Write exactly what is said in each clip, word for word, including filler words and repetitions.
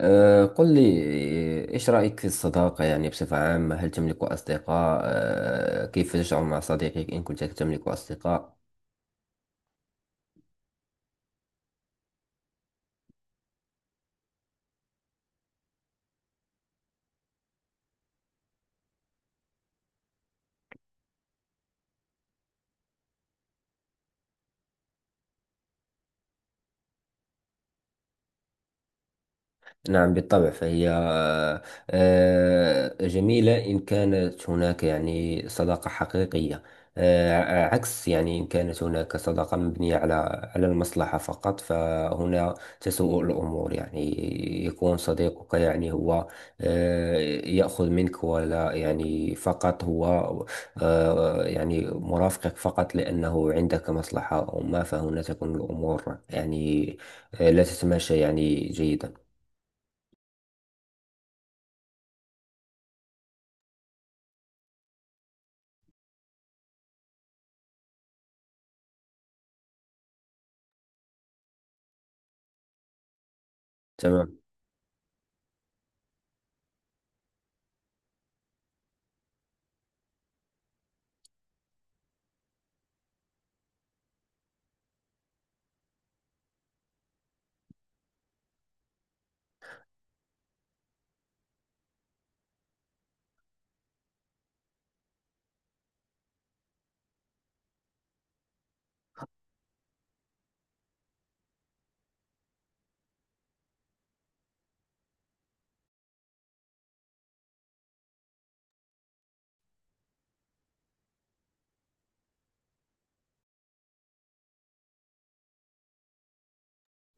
أه، قل لي. آه، إيش رأيك في الصداقة يعني بصفة عامة؟ هل تملك أصدقاء؟ أه، كيف تشعر مع صديقك إن كنت تملك أصدقاء؟ نعم، بالطبع، فهي آه، جميلة إن كانت هناك يعني صداقة حقيقية. آه، عكس يعني إن كانت هناك صداقة مبنية على على المصلحة فقط، فهنا تسوء الأمور يعني. يكون صديقك يعني هو آه، يأخذ منك ولا يعني فقط هو آه، يعني مرافقك فقط لأنه عندك مصلحة أو ما، فهنا تكون الأمور يعني آه، لا تتماشى يعني جيدا. تمام.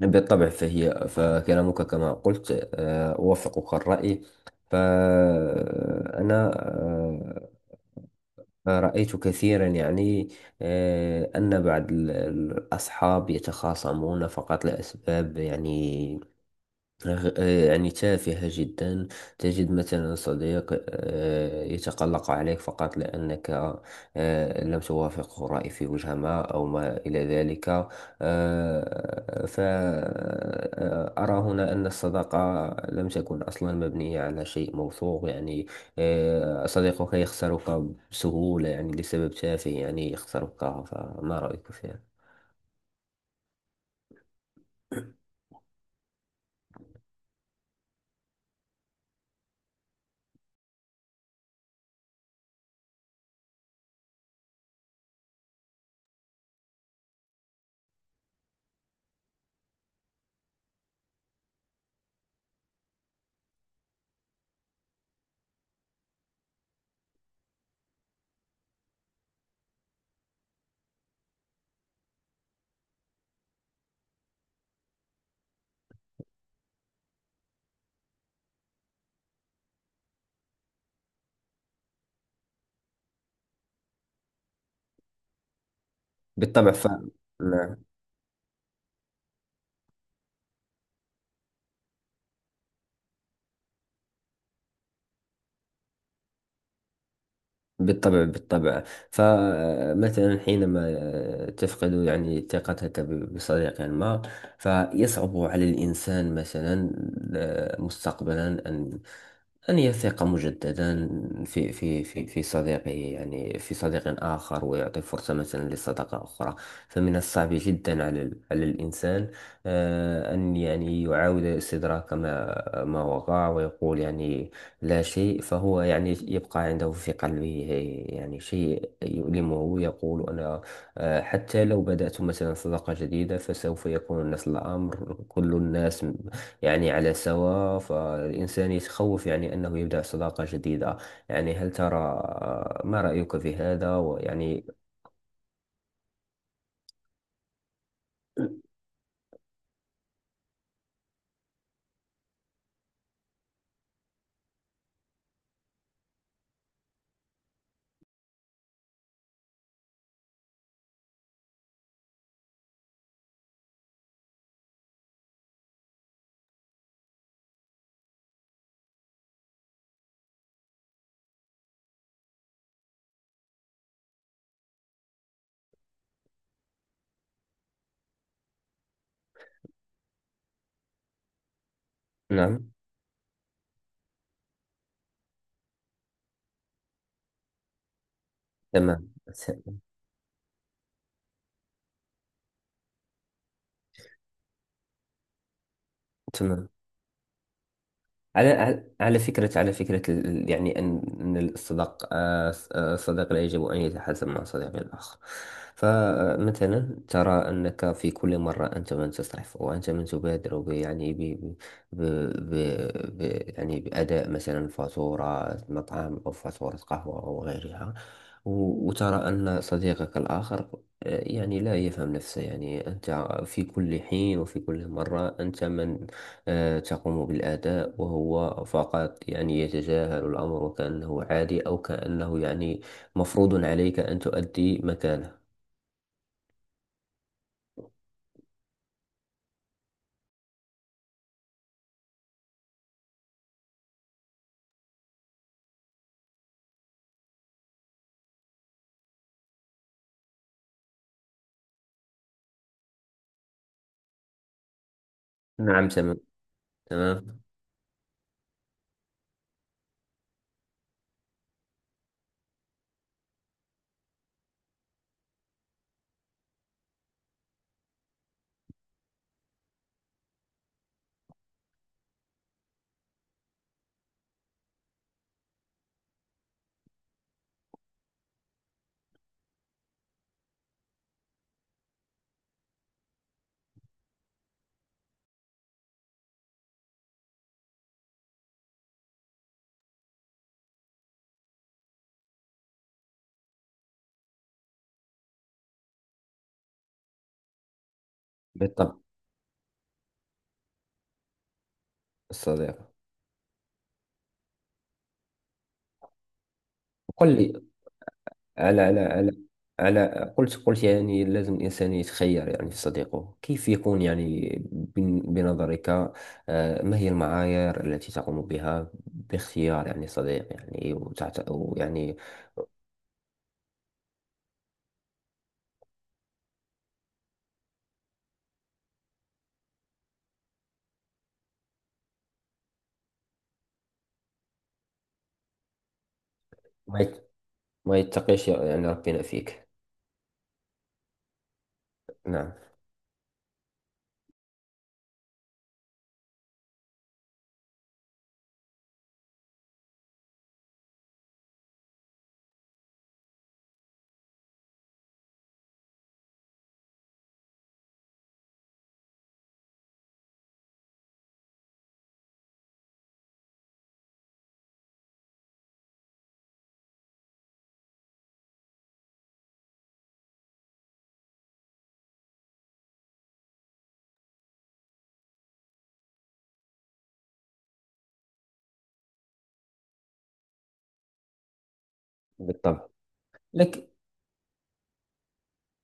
بالطبع، فهي فكلامك كما قلت آه، أوافقك الرأي. فأنا رأيت كثيرا يعني آه، أن بعض ال- الأصحاب يتخاصمون فقط لأسباب يعني غ- يعني تافهة جدا. تجد مثلا صديق آه، يتقلق عليك فقط لأنك آه، لم توافقه رأي في وجهة ما أو ما إلى ذلك. فأرى هنا أن الصداقة لم تكن أصلا مبنية على شيء موثوق، يعني آه، صديقك يخسرك بسهولة يعني لسبب تافه، يعني يخسرك. فما رأيك فيها؟ بالطبع. ف... نعم. بالطبع، بالطبع. فمثلا حينما تفقد يعني ثقتك ب- بصديق ما، فيصعب على الإنسان مثلا آه، مستقبلا أن أن يثق مجددا في في في في صديقه، يعني في صديق آخر، ويعطي فرصة مثلا لصداقة أخرى. فمن الصعب جدا على ال- على الإنسان آه، أن يعني يعاود استدراك ما ما وقع، ويقول يعني لا شيء. فهو يعني يبقى عنده في قلبه يعني شيء يؤلمه، يقول أنا آه، حتى لو بدأت مثلا صداقة جديدة فسوف يكون نفس الأمر، كل الناس م- يعني على سواء. فالإنسان يتخوف يعني أنه يبدأ صداقة جديدة. يعني هل ترى آه، ما رأيك في هذا ويعني؟ نعم، تمام. ت- تمام. على على على فكرة، على فكرة ال- ال- يعني أن أن الصداق آه، س- آه، الصديق لا يجب أن يتحاسب مع صديق الآخر. فمثلا ترى أنك في كل مرة أنت من تسرف وأنت من تبادر ب يعني ب ب ب ب يعني بأداء مثلا فاتورة مطعم أو فاتورة قهوة أو غيرها. و- وترى أن صديقك الآخر آه، يعني لا يفهم نفسه. يعني أنت في كل حين وفي كل مرة أنت من آه، تقوم بالأداء، وهو فقط يعني يتجاهل الأمر، وكأنه عادي أو كأنه يعني مفروض عليك أن تؤدي مكانه. نعم، تمام. تمام. بالطبع. الصديق. قل لي على على على على قلت قلت يعني لازم الإنسان يتخير يعني في صديقه، كيف يكون يعني بن- بنظرك؟ آه، ما هي المعايير التي تقوم بها باختيار يعني صديق؟ يعني وتعت... ويعني. ما يت- ما يتقيش يعني ربنا فيك؟ نعم، بالطبع، لكن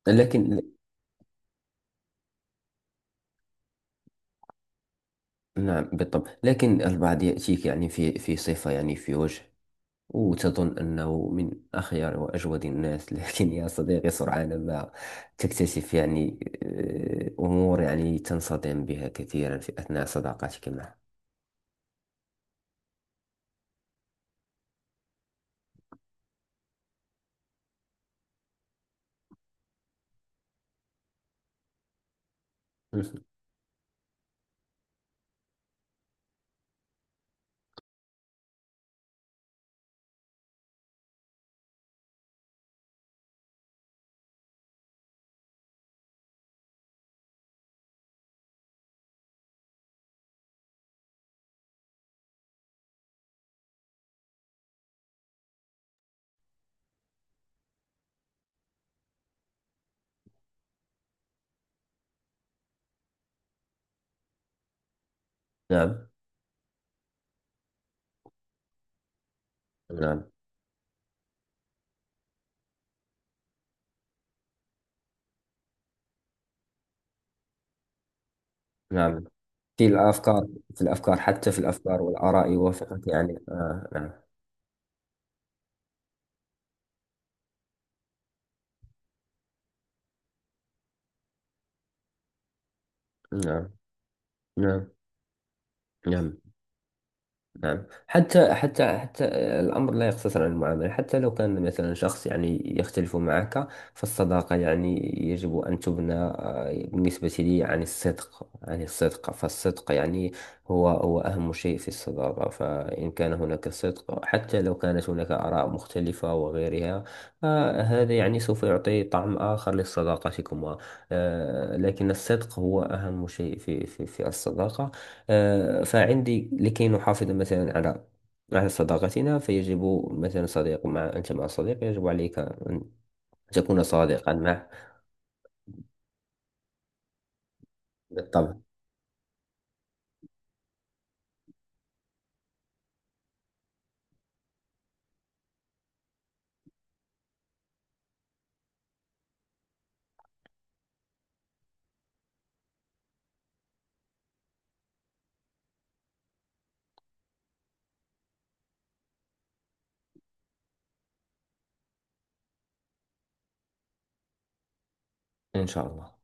لكن. نعم، بالطبع، لكن البعض يأتيك يعني في في صفة يعني في وجه، وتظن أنه من أخيار وأجود الناس. لكن يا صديقي، سرعان ما تكتشف يعني آه، أمور يعني تنصدم بها كثيرا في أثناء صداقتك معه. نعم. نعم. نعم. في الأفكار. في الأفكار، حتى في الأفكار والآراء يوافقك، يعني آه، نعم. نعم. نعم. نعم. نعم. حتى حتى حتى الأمر لا يقتصر على المعاملة، حتى لو كان مثلا شخص يعني يختلف معك. فالصداقة يعني يجب أن تبنى آه، بالنسبة لي عن الصدق، عن الصدق فالصدق يعني هو هو أهم شيء في الصداقة. فإن كان هناك صدق، حتى لو كانت هناك آراء مختلفة وغيرها، آه، هذا يعني سوف يعطي طعم آخر لصداقتكما. آه، لكن الصدق هو أهم شيء في في في الصداقة. آه، فعندي لكي نحافظ مثلا على على صداقتنا فيجب، مثلا صديق مع أنت مع صديق يجب عليك أن تكون صادقا معه. بالطبع. إن شاء الله.